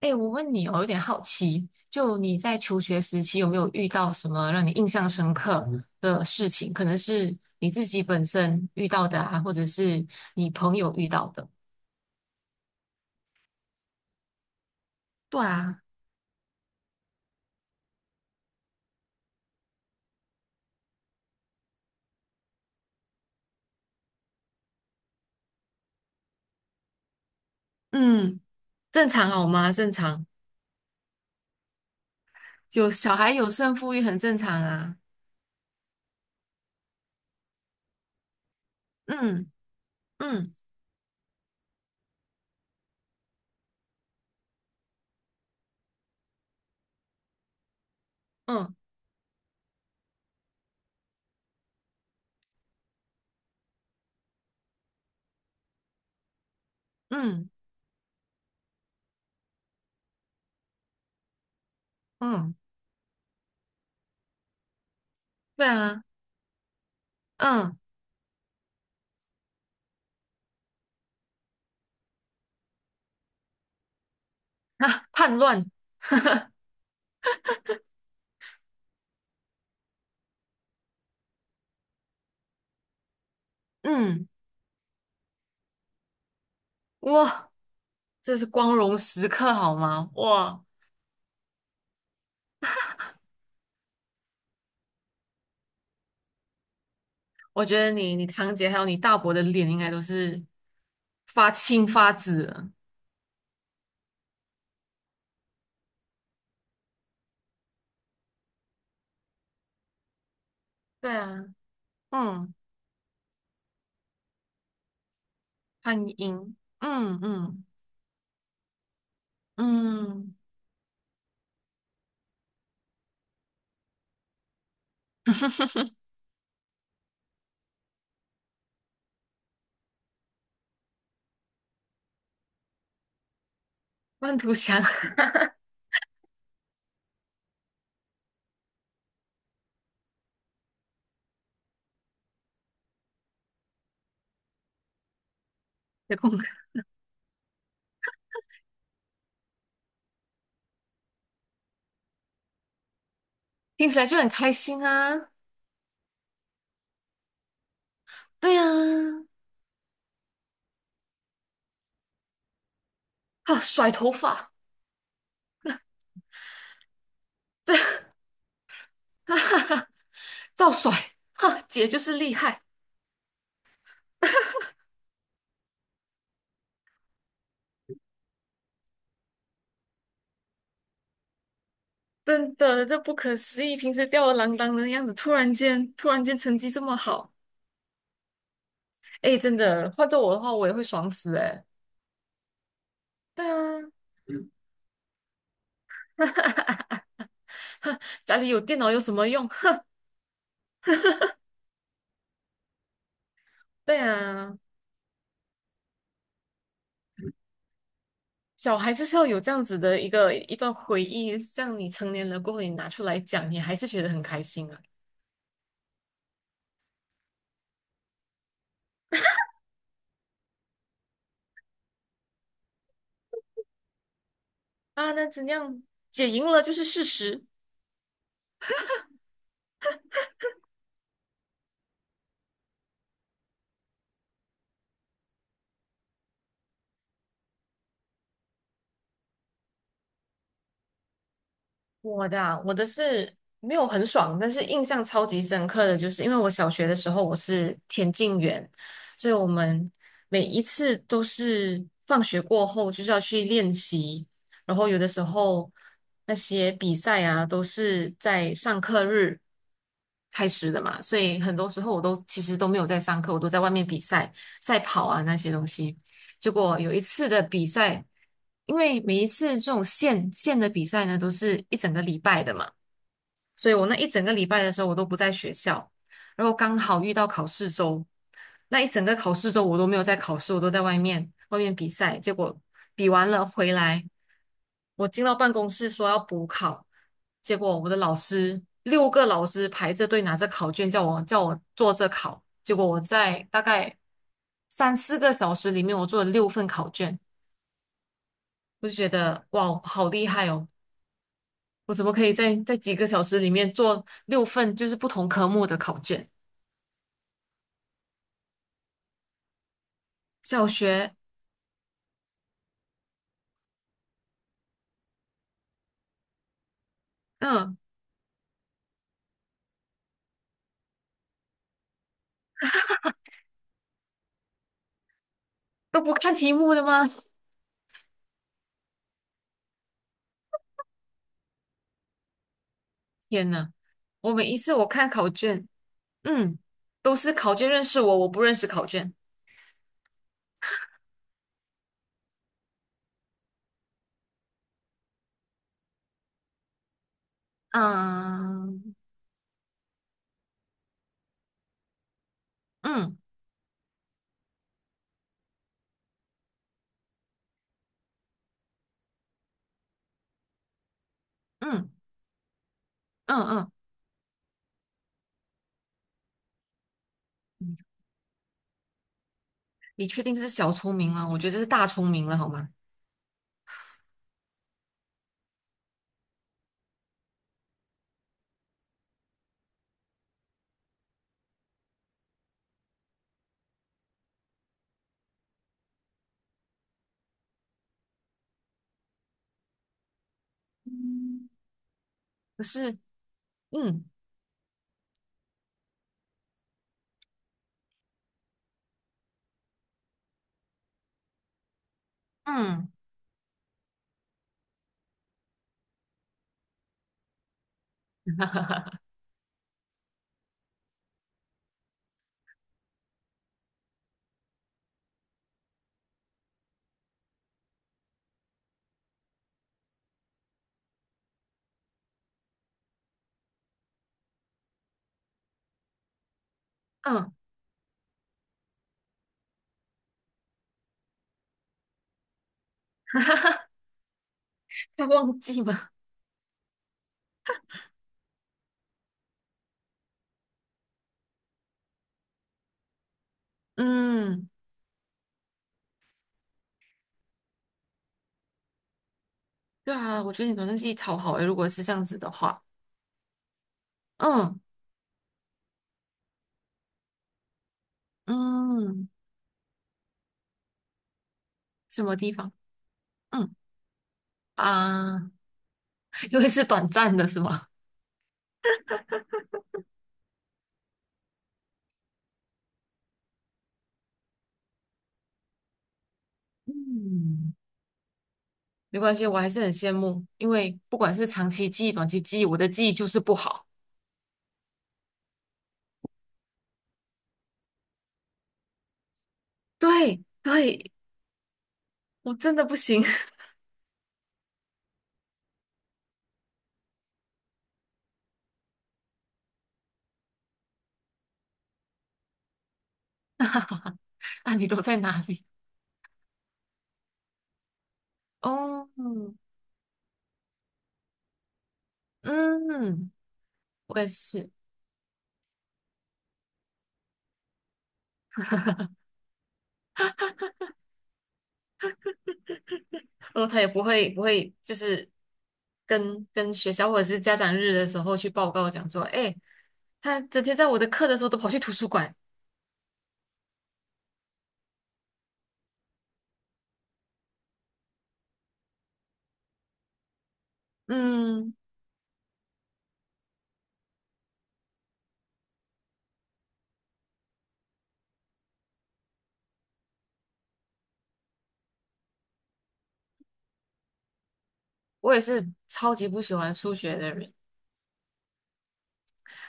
哎，我问你哦，有点好奇，就你在求学时期有没有遇到什么让你印象深刻的事情？可能是你自己本身遇到的啊，或者是你朋友遇到的。对啊，嗯，正常好吗？正常，有小孩有胜负欲很正常啊。嗯嗯嗯嗯嗯，对啊，嗯那叛乱，嗯，哇，这是光荣时刻好吗？哇，我觉得你、你堂姐还有你大伯的脸应该都是发青发紫了。对啊，嗯，潘英，嗯嗯嗯，万图祥 的功课听起来就很开心啊。对啊，啊，甩头发，照甩，哈，姐就是厉害，真的，这不可思议，平时吊儿郎当的样子，突然间成绩这么好，哎，真的，换做我的话，我也会爽死哎。对啊。家里有电脑有什么用？哼，对啊，小孩就是要有这样子的一个一段回忆，像你成年了过后，你拿出来讲，你还是觉得很开心啊。啊，那怎样？姐赢了就是事实。我的是没有很爽，但是印象超级深刻的就是，因为我小学的时候我是田径员，所以我们每一次都是放学过后就是要去练习，然后有的时候那些比赛啊都是在上课日开始的嘛，所以很多时候我都其实都没有在上课，我都在外面比赛、赛跑啊那些东西。结果有一次的比赛，因为每一次这种县的比赛呢，都是一整个礼拜的嘛，所以我那一整个礼拜的时候，我都不在学校，然后刚好遇到考试周，那一整个考试周我都没有在考试，我都在外面比赛。结果比完了回来，我进到办公室说要补考，结果我的老师六个老师排着队拿着考卷叫我做着考，结果我在大概三四个小时里面，我做了六份考卷。我就觉得哇，我好厉害哦！我怎么可以在几个小时里面做六份就是不同科目的考卷？小学，嗯，都不看题目的吗？天呐，我每一次我看考卷，嗯，都是考卷认识我，我不认识考卷。嗯嗯嗯嗯嗯，你确定这是小聪明吗？我觉得这是大聪明了，好吗？可是，嗯嗯嗯，他忘记吗？嗯，对啊，我觉得你短信记忆超好诶，如果是这样子的话。嗯嗯，什么地方？嗯啊，因为是短暂的，是吗？嗯，没关系，我还是很羡慕，因为不管是长期记忆、短期记忆，我的记忆就是不好。对对，我真的不行。啊，你都在哪里？哦，嗯，我也是。然后他也不会，就是跟学校或者是家长日的时候去报告讲说，哎，他整天在我的课的时候都跑去图书馆。嗯。我也是超级不喜欢数学的人，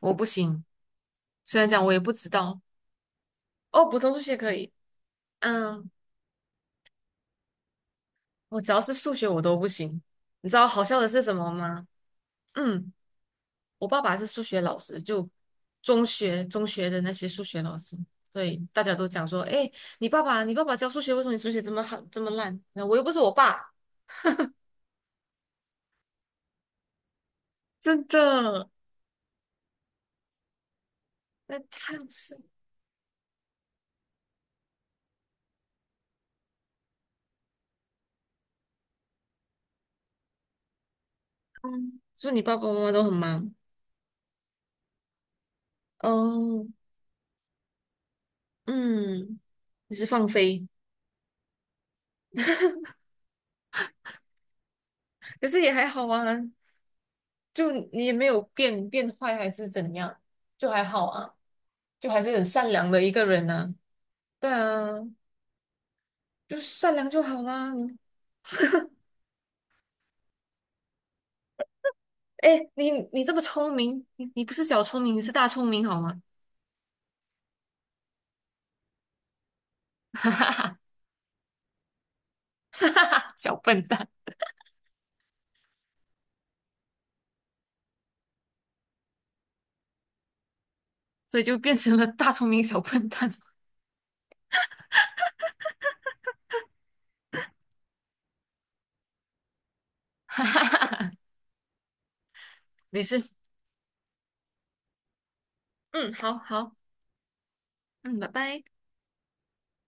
我不行。虽然讲我也不知道，哦，普通数学可以，嗯，我只要是数学我都不行。你知道好笑的是什么吗？嗯，我爸爸是数学老师，就中学的那些数学老师，所以大家都讲说，哎，你爸爸教数学，为什么你数学这么好这么烂？那我又不是我爸，真的。那他是，嗯，是不是你爸爸妈妈都很忙？哦，嗯，你是放飞。可是也还好啊，就你也没有变坏还是怎样，就还好啊，就还是很善良的一个人呢、对啊，就善良就好啦。哎，你这么聪明，你不是小聪明，你是大聪明好吗？哈哈哈，小笨蛋，所以就变成了大聪明小笨蛋。哈哈哈，没事，嗯，好好，嗯，拜拜。